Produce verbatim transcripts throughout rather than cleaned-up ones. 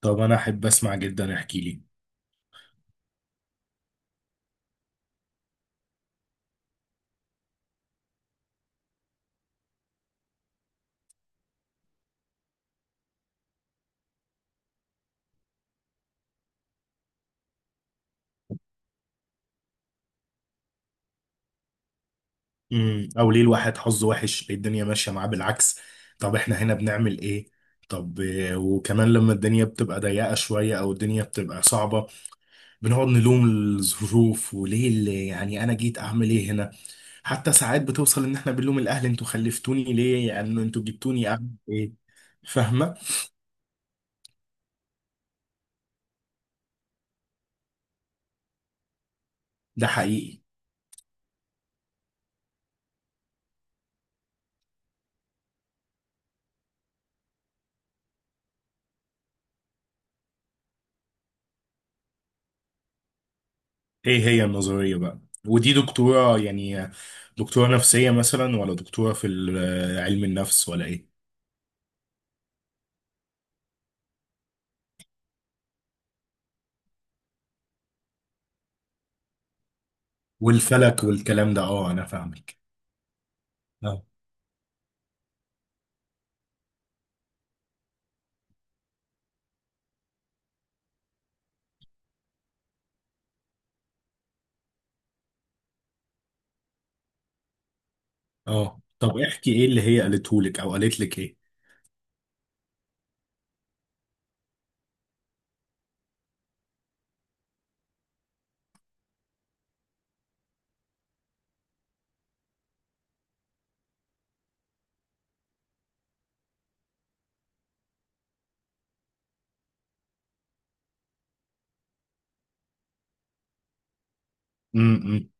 طب انا احب اسمع جدا، احكي لي. امم او ليه الواحد حظه وحش؟ ليه الدنيا ماشيه معاه بالعكس؟ طب احنا هنا بنعمل ايه؟ طب آه، وكمان لما الدنيا بتبقى ضيقه شويه او الدنيا بتبقى صعبه، بنقعد نلوم الظروف وليه اللي يعني انا جيت اعمل ايه هنا. حتى ساعات بتوصل ان احنا بنلوم الاهل، انتوا خلفتوني ليه؟ يعني انتوا جبتوني اعمل ايه؟ فاهمه؟ ده حقيقي. ايه هي النظريه بقى؟ ودي دكتوره يعني؟ دكتوره نفسيه مثلا، ولا دكتوره في ال- علم النفس، ولا ايه؟ والفلك والكلام ده، اه انا فاهمك. اه اه، طب احكي ايه اللي هي قالته لك، او قالت لك ايه؟ امم.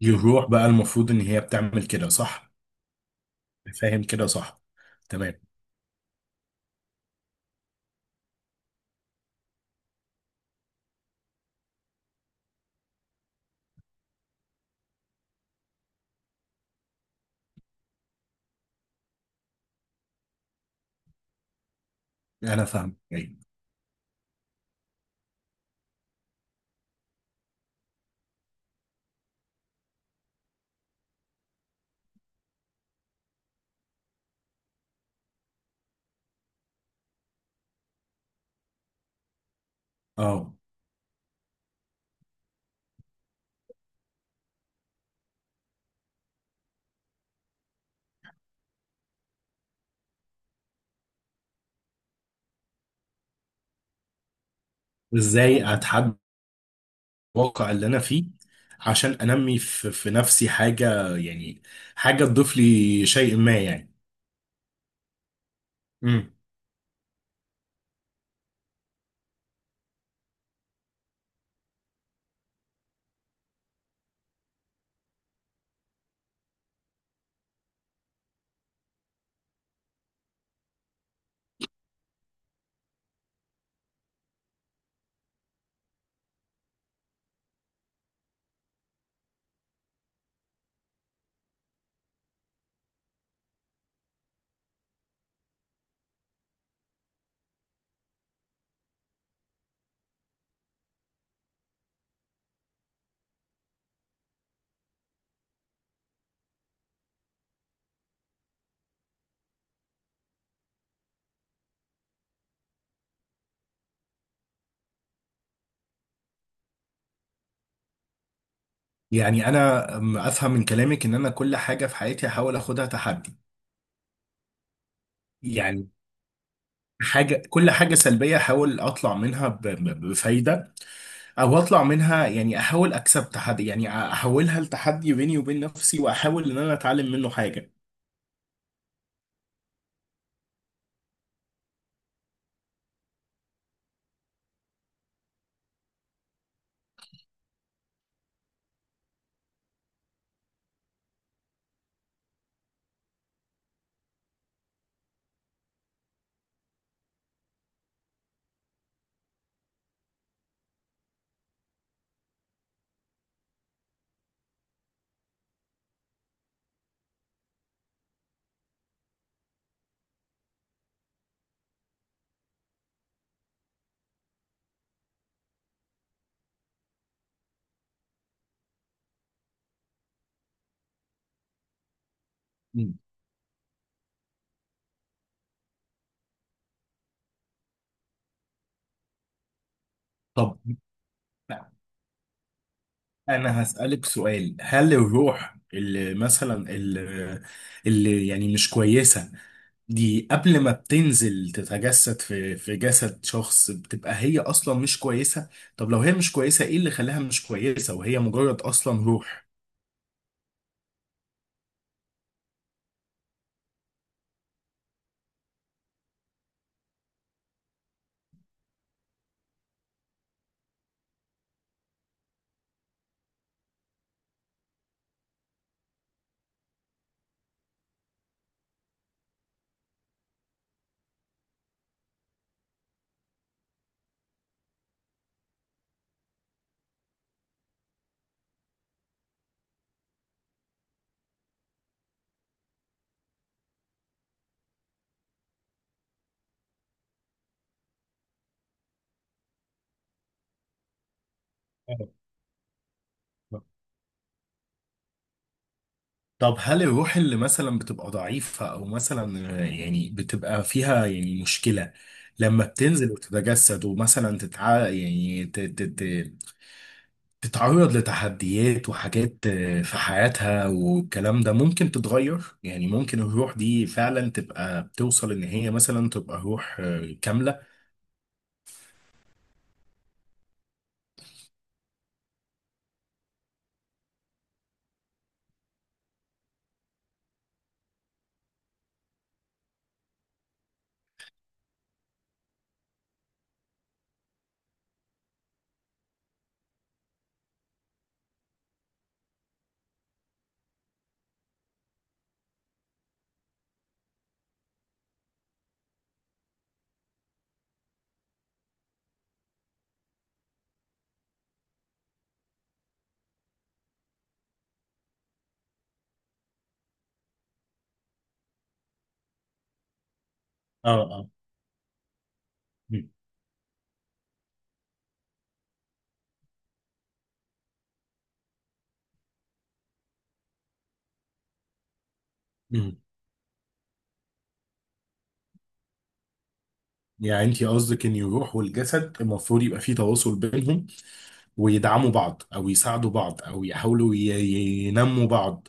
يروح بقى المفروض ان هي بتعمل كده، صح؟ فاهم كده، صح؟ تمام. انا فاهم ايه. اه. ازاي اتحدى الواقع اللي انا فيه، عشان انمي في, في نفسي حاجه يعني، حاجه تضيف لي شيء ما يعني. امم. يعني انا أم- افهم من كلامك ان انا كل حاجه في حياتي احاول اخدها تحدي. يعني حاجة، كل حاجة سلبية أحاول أطلع منها ب- ب- بفايدة، أو أطلع منها يعني، أحاول أكسب تحدي يعني أحولها لتحدي بيني وبين نفسي، وأحاول إن أنا أتعلم منه حاجة. مم. طب أنا هسألك سؤال، هل الروح اللي مثلا اللي, اللي يعني مش كويسة، دي قبل ما بتنزل تتجسد في في جسد شخص، بتبقى هي أصلا مش كويسة؟ طب لو هي مش كويسة، إيه اللي خلاها مش كويسة وهي مجرد أصلا روح؟ طب هل الروح اللي مثلا بتبقى ضعيفة أو مثلا، آه، يعني بتبقى فيها يعني مشكلة، لما بتنزل وتتجسد، ومثلا تتع... يعني ت... ت... ت... تتعرض لتحديات وحاجات آه، في حياتها والكلام ده، ممكن تتغير؟ يعني ممكن الروح دي فعلا تبقى بتوصل إن هي مثلا تبقى روح آه، كاملة؟ اه اه. م- م. يعني انت قصدك ان الروح والجسد المفروض يبقى فيه تواصل بينهم، ويدعموا بعض او يساعدوا بعض، او يحاولوا ي- ي- ينموا بعض.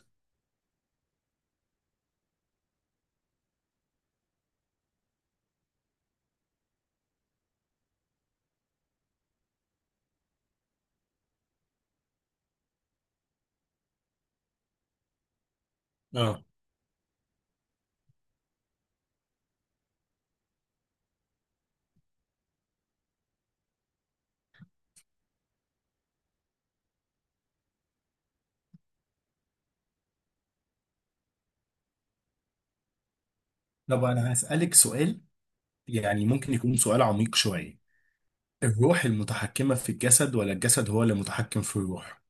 اه. طب انا هسألك سؤال، يعني ممكن يكون سؤال عميق شوية. الروح المتحكمة في الجسد، ولا الجسد هو اللي متحكم في الروح؟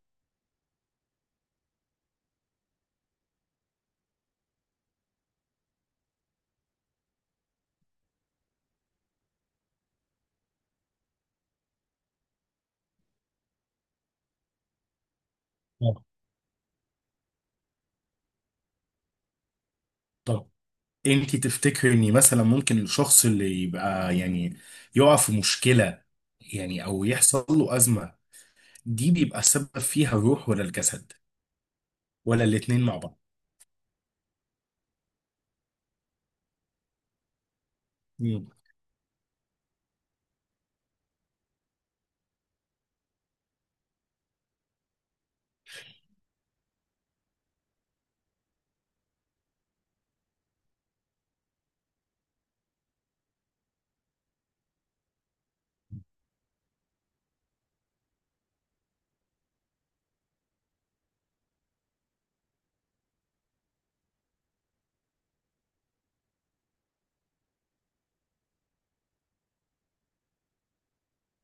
اه، طبعا. انت تفتكري ان مثلا ممكن الشخص اللي يبقى يعني يقع في مشكلة، يعني او يحصل له أزمة، دي بيبقى السبب فيها الروح، ولا الجسد، ولا الاتنين مع بعض؟ مم.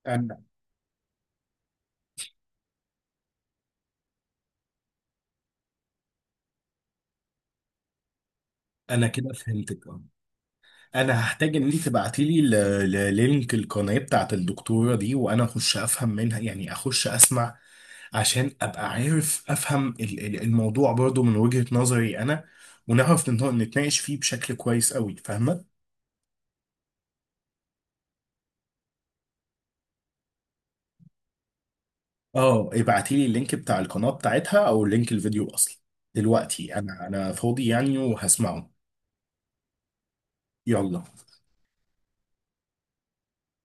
انا انا كده فهمتك آه. انا هحتاج ان انت تبعتي لي ل- ل- لينك القناه بتاعت الدكتوره دي، وانا اخش افهم منها، يعني اخش اسمع، عشان ابقى عارف افهم ال- ال- الموضوع برضو من وجهه نظري انا، ونعرف نت- نتناقش فيه بشكل كويس قوي. فاهمه؟ اه، ابعتي لي اللينك بتاع القناه بتاعتها، او لينك الفيديو اصلا. دلوقتي انا انا فاضي يعني وهسمعه. يلا.